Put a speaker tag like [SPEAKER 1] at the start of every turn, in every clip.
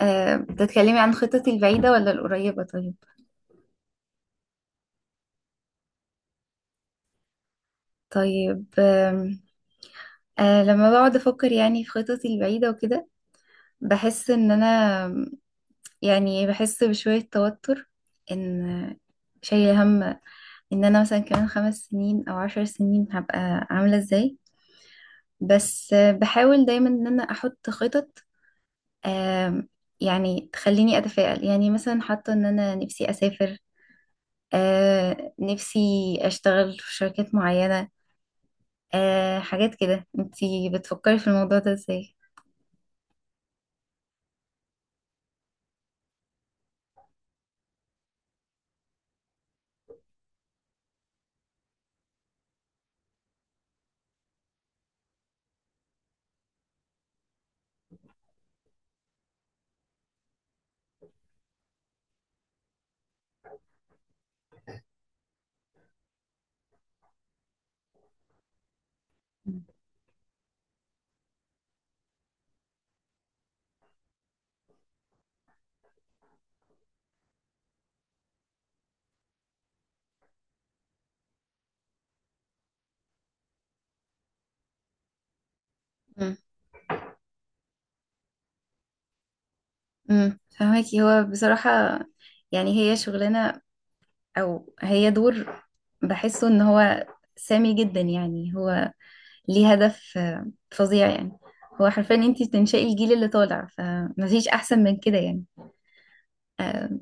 [SPEAKER 1] بتتكلمي عن خططي البعيدة ولا القريبة؟ طيب طيب. آم، آه، لما بقعد أفكر يعني في خططي البعيدة وكده، بحس إن أنا، آم، يعني بحس بشوية توتر، إن شايلة هم، إن أنا مثلا كمان 5 سنين أو 10 سنين هبقى عاملة إزاي. بس بحاول دايما إن أنا أحط خطط، آم، يعني تخليني أتفائل. يعني مثلا حاطة إن أنا نفسي أسافر، نفسي أشتغل في شركات معينة، حاجات كده. انتي بتفكري في الموضوع ده ازاي؟ مم. مم. فهماكي. هو بصراحة يعني هي شغلانة او هي دور، بحسه ان هو سامي جدا، يعني هو ليه هدف فظيع يعني. هو حرفيا انتي بتنشئي الجيل اللي طالع، فمفيش احسن من كده يعني. آه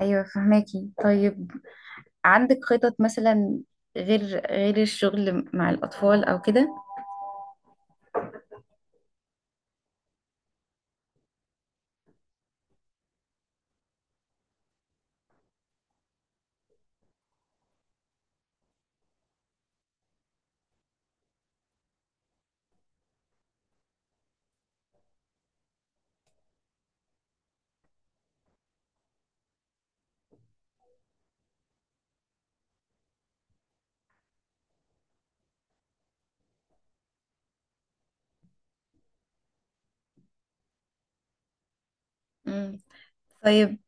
[SPEAKER 1] ايوه، فهماكي. طيب، عندك خطط مثلا غير غير الشغل مع الاطفال او كده؟ مم. طيب،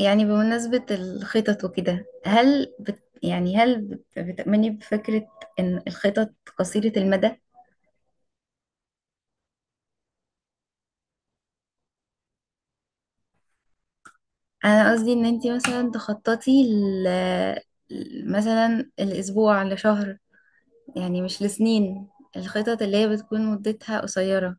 [SPEAKER 1] يعني بمناسبة الخطط وكده، هل بت يعني هل بت- بتأمني بفكرة إن الخطط قصيرة المدى؟ أنا قصدي إن أنتي مثلا تخططي مثلا الأسبوع، لشهر، يعني مش لسنين. الخطط اللي هي بتكون مدتها قصيرة.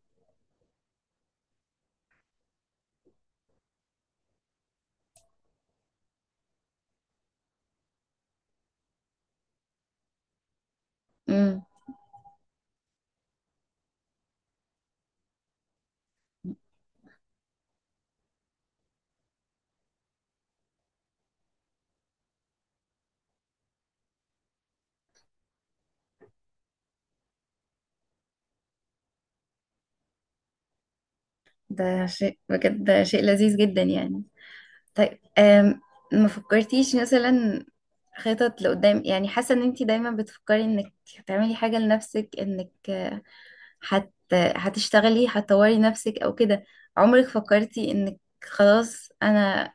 [SPEAKER 1] امم ده شيء بجد، ده شيء لذيذ جدا يعني. طيب. ما فكرتيش مثلا خطط لقدام؟ يعني حاسة إن أنتي دايما بتفكري إنك تعملي حاجة لنفسك، إنك هتشتغلي، هتطوري نفسك او كده. عمرك فكرتي انك، خلاص انا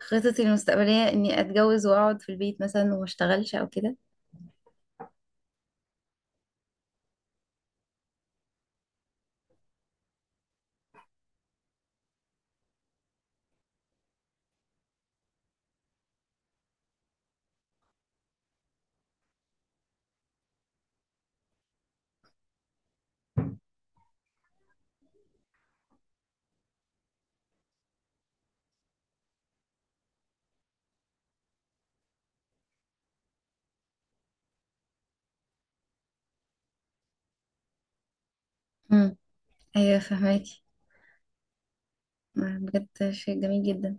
[SPEAKER 1] خططي المستقبلية اني اتجوز واقعد في البيت مثلا وما اشتغلش او كده؟ امم. ايوه، فهماكي. بجد شيء جميل جدا.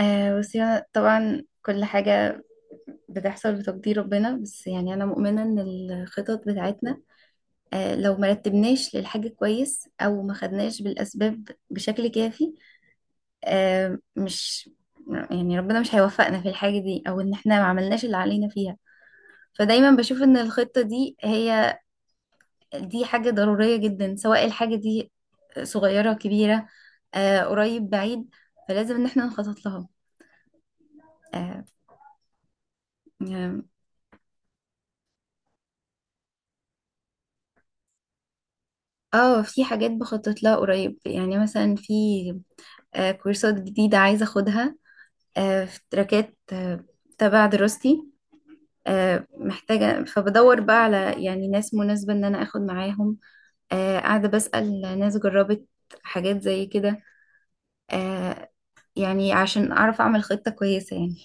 [SPEAKER 1] بصي، أنا طبعا كل حاجة بتحصل بتقدير ربنا، بس يعني أنا مؤمنة إن الخطط بتاعتنا، لو مرتبناش للحاجة كويس أو ما خدناش بالأسباب بشكل كافي، آه، مش يعني ربنا مش هيوفقنا في الحاجة دي، او ان احنا ما عملناش اللي علينا فيها. فدايما بشوف ان الخطة دي هي، دي حاجة ضرورية جدا، سواء الحاجة دي صغيرة كبيرة، قريب بعيد، فلازم ان احنا نخطط لها. اه. يعني- في حاجات بخطط لها قريب، يعني مثلا في كورسات جديدة عايزة اخدها، في تراكات تبع دراستي، محتاجة، فبدور بقى على يعني ناس مناسبة ان انا اخد معاهم. قاعدة بسأل ناس جربت حاجات زي كده، آه، يعني عشان أعرف أعمل خطة كويسة يعني.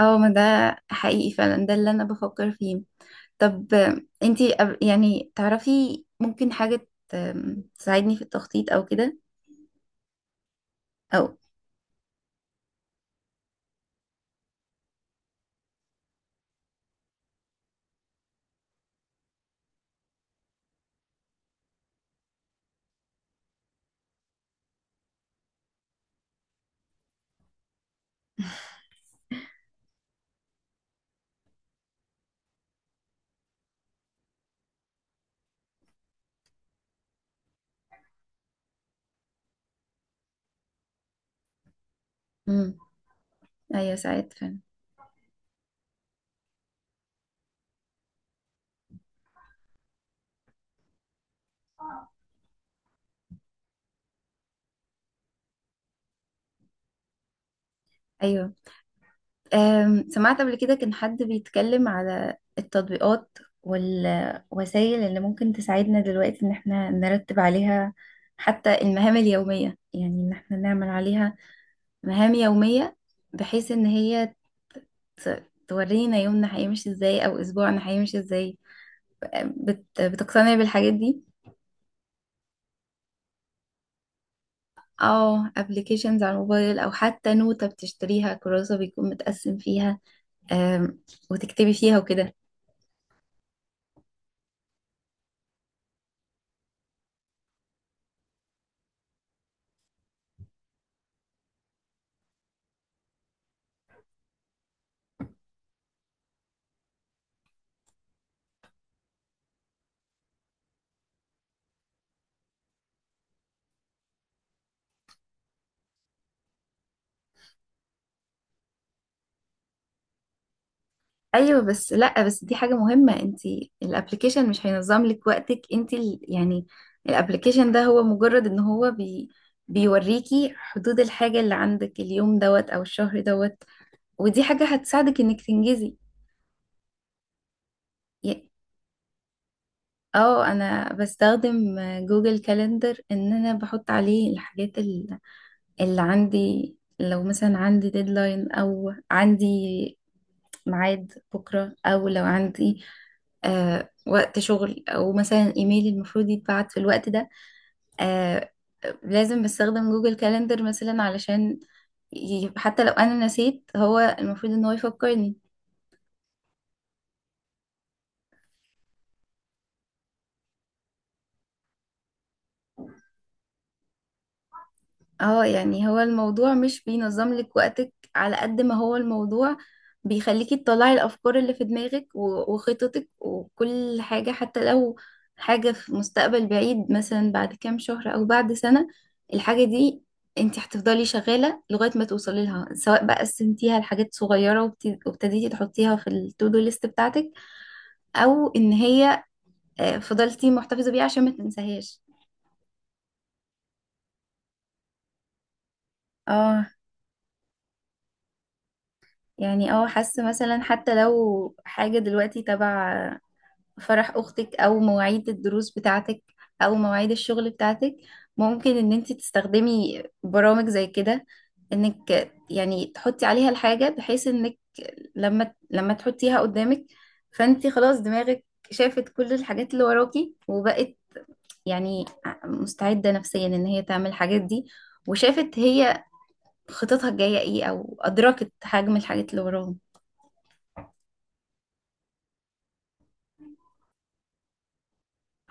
[SPEAKER 1] اه، ما ده حقيقي فعلا، ده اللي أنا بفكر فيه. طب انتي، يعني تعرفي ممكن حاجة تساعدني في التخطيط أو كده، أو. مم. أيوة، ساعات فعلا. أيوة. سمعت قبل كده كان حد بيتكلم على التطبيقات والوسائل اللي ممكن تساعدنا دلوقتي ان احنا نرتب عليها حتى المهام اليومية، يعني ان احنا نعمل عليها مهام يومية، بحيث ان هي تورينا يومنا هيمشي ازاي او اسبوعنا هيمشي ازاي. بتقتنع بالحاجات دي؟ اه، ابلكيشنز على الموبايل، او حتى نوتة بتشتريها، كراسة بيكون متقسم فيها، أم، وتكتبي فيها وكده. ايوه، بس لا، بس دي حاجه مهمه. انت، الابلكيشن مش هينظم لك وقتك. انت يعني الابلكيشن ده هو مجرد ان هو بيوريكي حدود الحاجه اللي عندك اليوم دوت، او الشهر دوت. ودي حاجه هتساعدك انك تنجزي. ي- اه، انا بستخدم جوجل كالندر، ان انا بحط عليه الحاجات اللي عندي، لو مثلا عندي ديدلاين، او عندي ميعاد بكرة، أو لو عندي وقت شغل، أو مثلا إيميلي المفروض يتبعت في الوقت ده. آه لازم بستخدم جوجل كالندر مثلا، علشان، حتى لو أنا نسيت هو المفروض إن هو يفكرني. اه، يعني هو الموضوع مش بينظم لك وقتك على قد ما هو الموضوع بيخليكي تطلعي الأفكار اللي في دماغك وخططك وكل حاجة، حتى لو حاجة في مستقبل بعيد مثلا بعد كام شهر أو بعد سنة. الحاجة دي، انت هتفضلي شغالة لغاية ما توصلي لها، سواء بقى قسمتيها لحاجات صغيرة وابتديتي تحطيها في التو دو ليست بتاعتك، أو إن هي فضلتي محتفظة بيها عشان ما تنساهاش. اه حاسة مثلا حتى لو حاجة دلوقتي تبع فرح أختك، أو مواعيد الدروس بتاعتك، أو مواعيد الشغل بتاعتك، ممكن إن انت تستخدمي برامج زي كده، إنك يعني تحطي عليها الحاجة، بحيث إنك لما تحطيها قدامك، فانت خلاص دماغك شافت كل الحاجات اللي وراكي، وبقت يعني مستعدة نفسيا إن هي تعمل الحاجات دي، وشافت هي خططها الجاية ايه، أو أدركت حجم الحاجات اللي وراهم.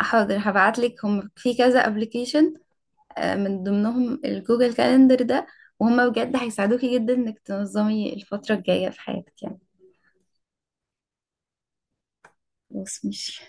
[SPEAKER 1] حاضر، هبعتلك هم في كذا ابلكيشن، من ضمنهم الجوجل كالندر ده. وهم بجد هيساعدوكي جدا انك تنظمي الفترة الجاية في حياتك يعني. خلاص ماشي.